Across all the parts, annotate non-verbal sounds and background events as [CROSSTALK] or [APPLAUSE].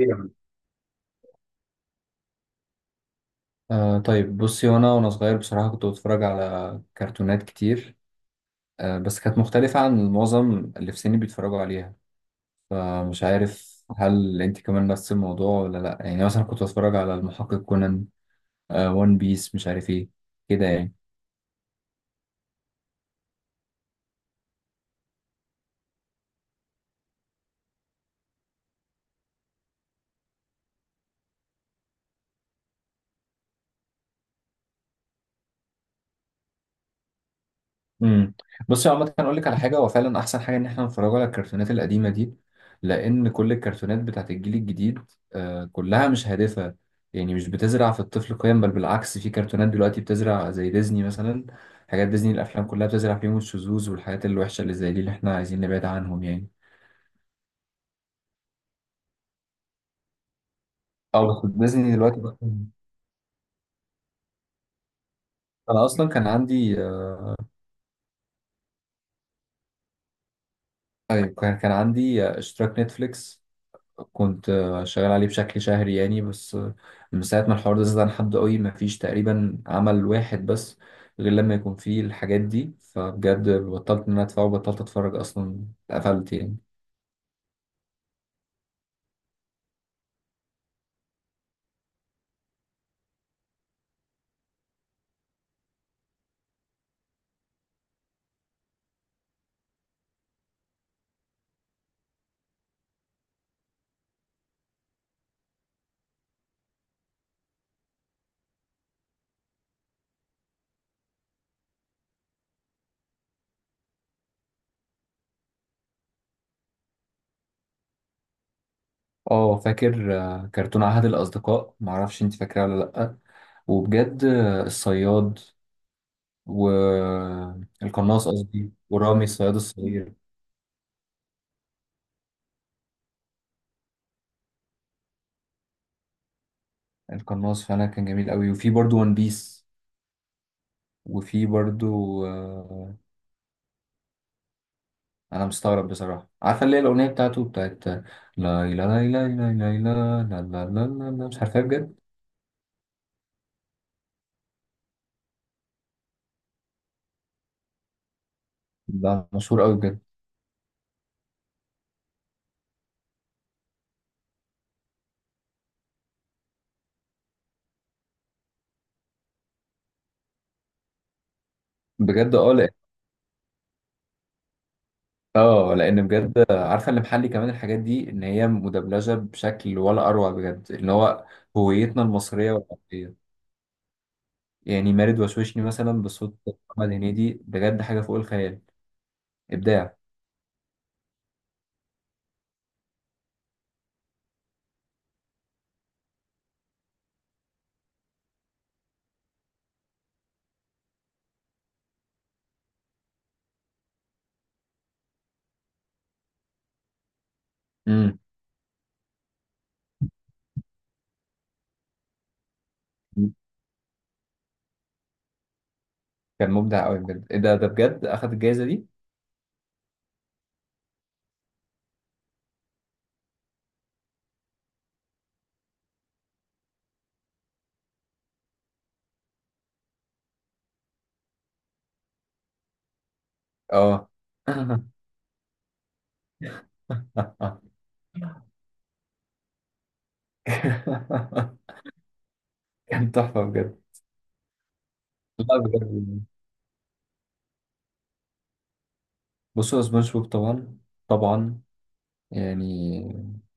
أيوة. آه، طيب بصي، وانا صغير بصراحة كنت بتفرج على كرتونات كتير. بس كانت مختلفة عن معظم اللي في سني بيتفرجوا عليها. فمش عارف، هل انت كمان نفس الموضوع ولا لا؟ يعني مثلا كنت بتفرج على المحقق كونان، وان بيس، مش عارف ايه كده يعني. امم بصي، عامة اقول لك على حاجة، هو فعلا احسن حاجة ان احنا نتفرج على الكرتونات القديمة دي، لان كل الكرتونات بتاعت الجيل الجديد كلها مش هادفة. يعني مش بتزرع في الطفل قيم، بل بالعكس في كرتونات دلوقتي بتزرع زي ديزني مثلا. حاجات ديزني الافلام كلها بتزرع فيهم الشذوذ والحاجات الوحشة اللي زي دي اللي احنا عايزين نبعد عنهم يعني. اه بس ديزني دلوقتي انا اصلا كان عندي أيوة، كان عندي اشتراك نتفليكس. كنت شغال عليه بشكل شهري يعني، بس من ساعة ما الحوار ده زاد عن حد قوي مفيش تقريبا عمل واحد بس غير لما يكون فيه الحاجات دي، فبجد بطلت ان انا ادفعه وبطلت اتفرج اصلا، اتقفلت يعني. اه فاكر كرتون عهد الاصدقاء، معرفش انت فاكراه ولا لأ. وبجد الصياد والقناص، قصدي ورامي الصياد الصغير. القناص فعلا كان جميل قوي، وفي برضو ون بيس، وفي برضو انا مستغرب بصراحه عارفه اللي هي الاغنيه بتاعته بتاعت، لا لا لا لا لا لا لا لا لا لا لا مش عارفها بجد. ده مشهور قوي بجد. بجد اه لأ. اه لان بجد عارفه اللي محلي كمان الحاجات دي ان هي مدبلجه بشكل ولا اروع بجد، اللي هو هويتنا المصريه والعربيه. يعني مارد وشوشني مثلا بصوت محمد هنيدي بجد حاجه فوق الخيال، ابداع. امم كان مبدع قوي بجد. إيه ده بجد اخد الجائزه دي؟ اه. [LAUGHS] كان تحفة بجد. لا بجد، بصوا سبونج بوب طبعا، طبعا يعني.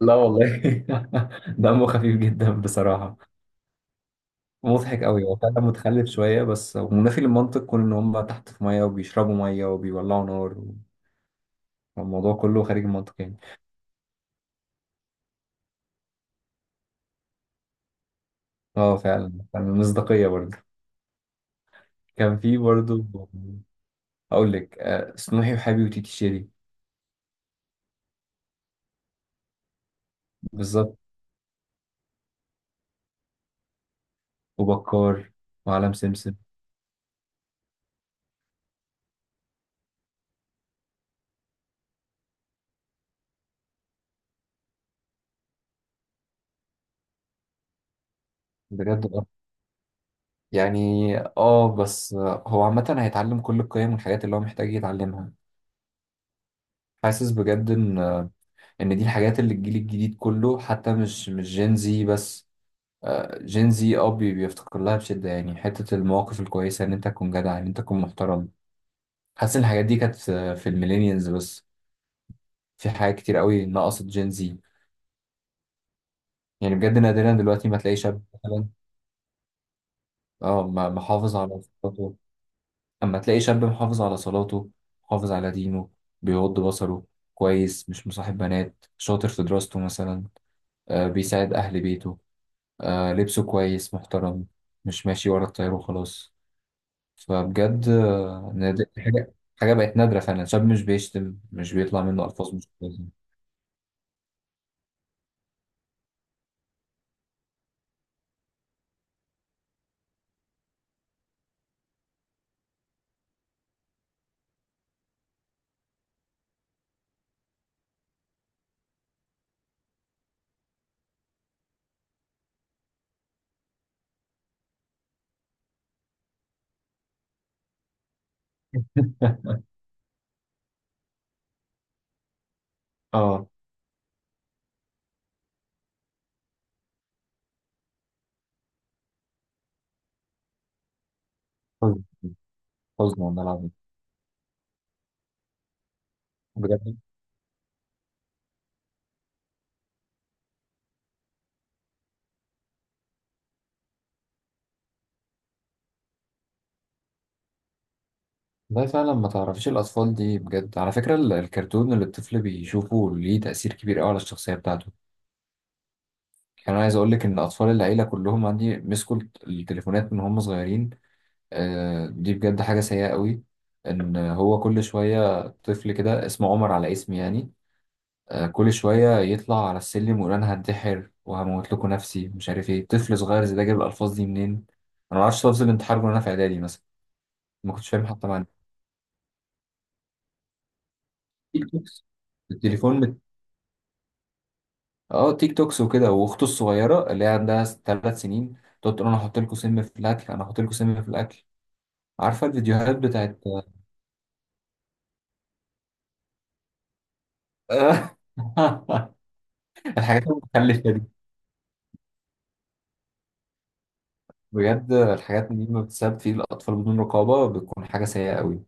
لا والله. [LAUGHS] دمه خفيف جدا بصراحة. مضحك قوي، هو فعلا متخلف شوية، بس منافي للمنطق كون إن هم تحت في مية وبيشربوا مية وبيولعوا نار، والموضوع كله خارج المنطق يعني. اه فعلا فعلا، مصداقية برضه. كان في برضه، أقول لك سنوحي وحبيبي وتيتي شيري. بالظبط، وبكار وعالم سمسم. بجد يعني اه، بس هو عامة هيتعلم كل القيم والحاجات اللي هو محتاج يتعلمها. حاسس بجد ان ان دي الحاجات اللي الجيل الجديد كله، حتى مش جين زي بس، جين زي اه بيفتقر لها بشدة يعني. حتة المواقف الكويسة، ان انت تكون جدع، ان انت تكون محترم. حاسس ان الحاجات دي كانت في الميلينيالز بس، في حاجات كتير قوي نقصت جين زي. يعني بجد نادرا دلوقتي ما تلاقي شاب مثلا اه، محافظ على صفاته. أما تلاقي شاب محافظ على صلاته، محافظ على دينه، بيغض بصره، كويس مش مصاحب بنات، شاطر في دراسته مثلا، آه بيساعد أهل بيته، آه لبسه كويس محترم، مش ماشي ورا التيار وخلاص. فبجد حاجة بقت نادرة فعلا. شاب مش بيشتم، مش بيطلع منه ألفاظ مش كويسة. [LAUGHS] اه. حزن، حزن والله العظيم بجد. والله فعلا ما تعرفيش الأطفال دي. بجد على فكرة، الكرتون اللي الطفل بيشوفه ليه تأثير كبير أوي على الشخصية بتاعته. كان عايز اقول لك ان اطفال العيله كلهم عندي مسكوا التليفونات من هم صغيرين. دي بجد حاجه سيئه قوي، ان هو كل شويه طفل كده اسمه عمر على اسمي يعني، كل شويه يطلع على السلم ويقول انا هنتحر وهموت لكم نفسي مش عارف ايه. طفل صغير زي ده جاب الالفاظ دي منين؟ انا ما اعرفش لفظ الانتحار وانا في اعدادي مثلا. ما كنتش فاهم حتى معنى تيك توكس. التليفون اه تيك توكس وكده. واخته الصغيره اللي هي عندها 3 سنين تقعد تقول انا هحط لكم سم في الاكل، انا هحط لكم سم في الاكل. عارفة الفيديوهات بتاعت. [LAUGHS] الحاجات المتخلفة دي. بجد الحاجات دي ما بتسبب في الأطفال بدون رقابة بتكون حاجة سيئة قوي.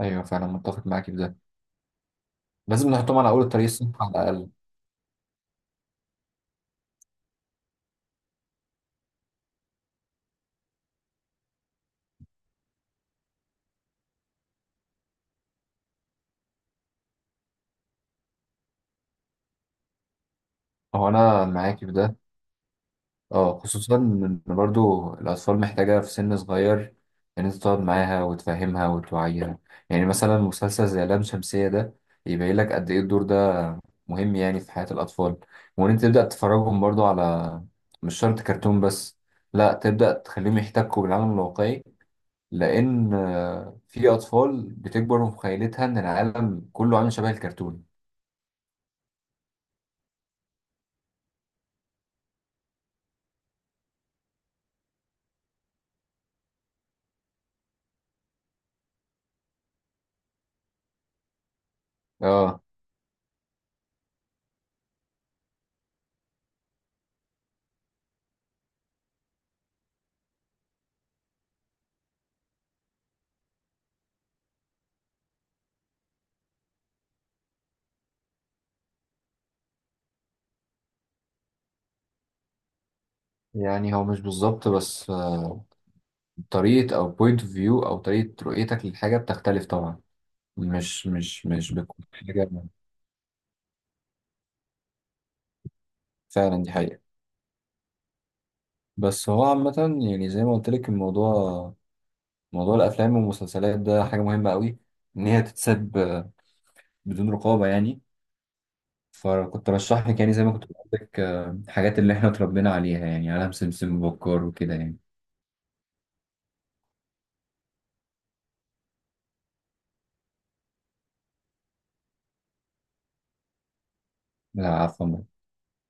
أيوة فعلا متفق معاكي في ده. لازم نحطهم على أول الطريق الصح على الأقل. هو أنا معاكي في ده. اه خصوصا ان برضو الاطفال محتاجه في سن صغير ان انت تقعد معاها وتفهمها وتوعيها. يعني مثلا مسلسل زي لام شمسيه ده يبين لك قد ايه الدور ده مهم يعني في حياه الاطفال. وان انت تبدا تفرجهم برضو على، مش شرط كرتون بس لا، تبدا تخليهم يحتكوا بالعالم الواقعي، لان في اطفال بتكبر في مخيلتها ان العالم كله عامل شبه الكرتون. اه يعني هو مش بالظبط، بس طريقة أو بوينت اوف فيو أو طريقة رؤيتك للحاجة بتختلف طبعا. مش بتكون حاجة، فعلا دي حقيقة. بس هو عامة، يعني زي ما قلت لك، الموضوع، موضوع الأفلام والمسلسلات ده حاجة مهمة قوي، إن هي تتساب بدون رقابة يعني. فكنت برشح لك، يعني زي ما كنت بقول لك الحاجات اللي إحنا اتربينا عليها يعني، عالم سمسم وبكار وكده يعني. لا عفوا.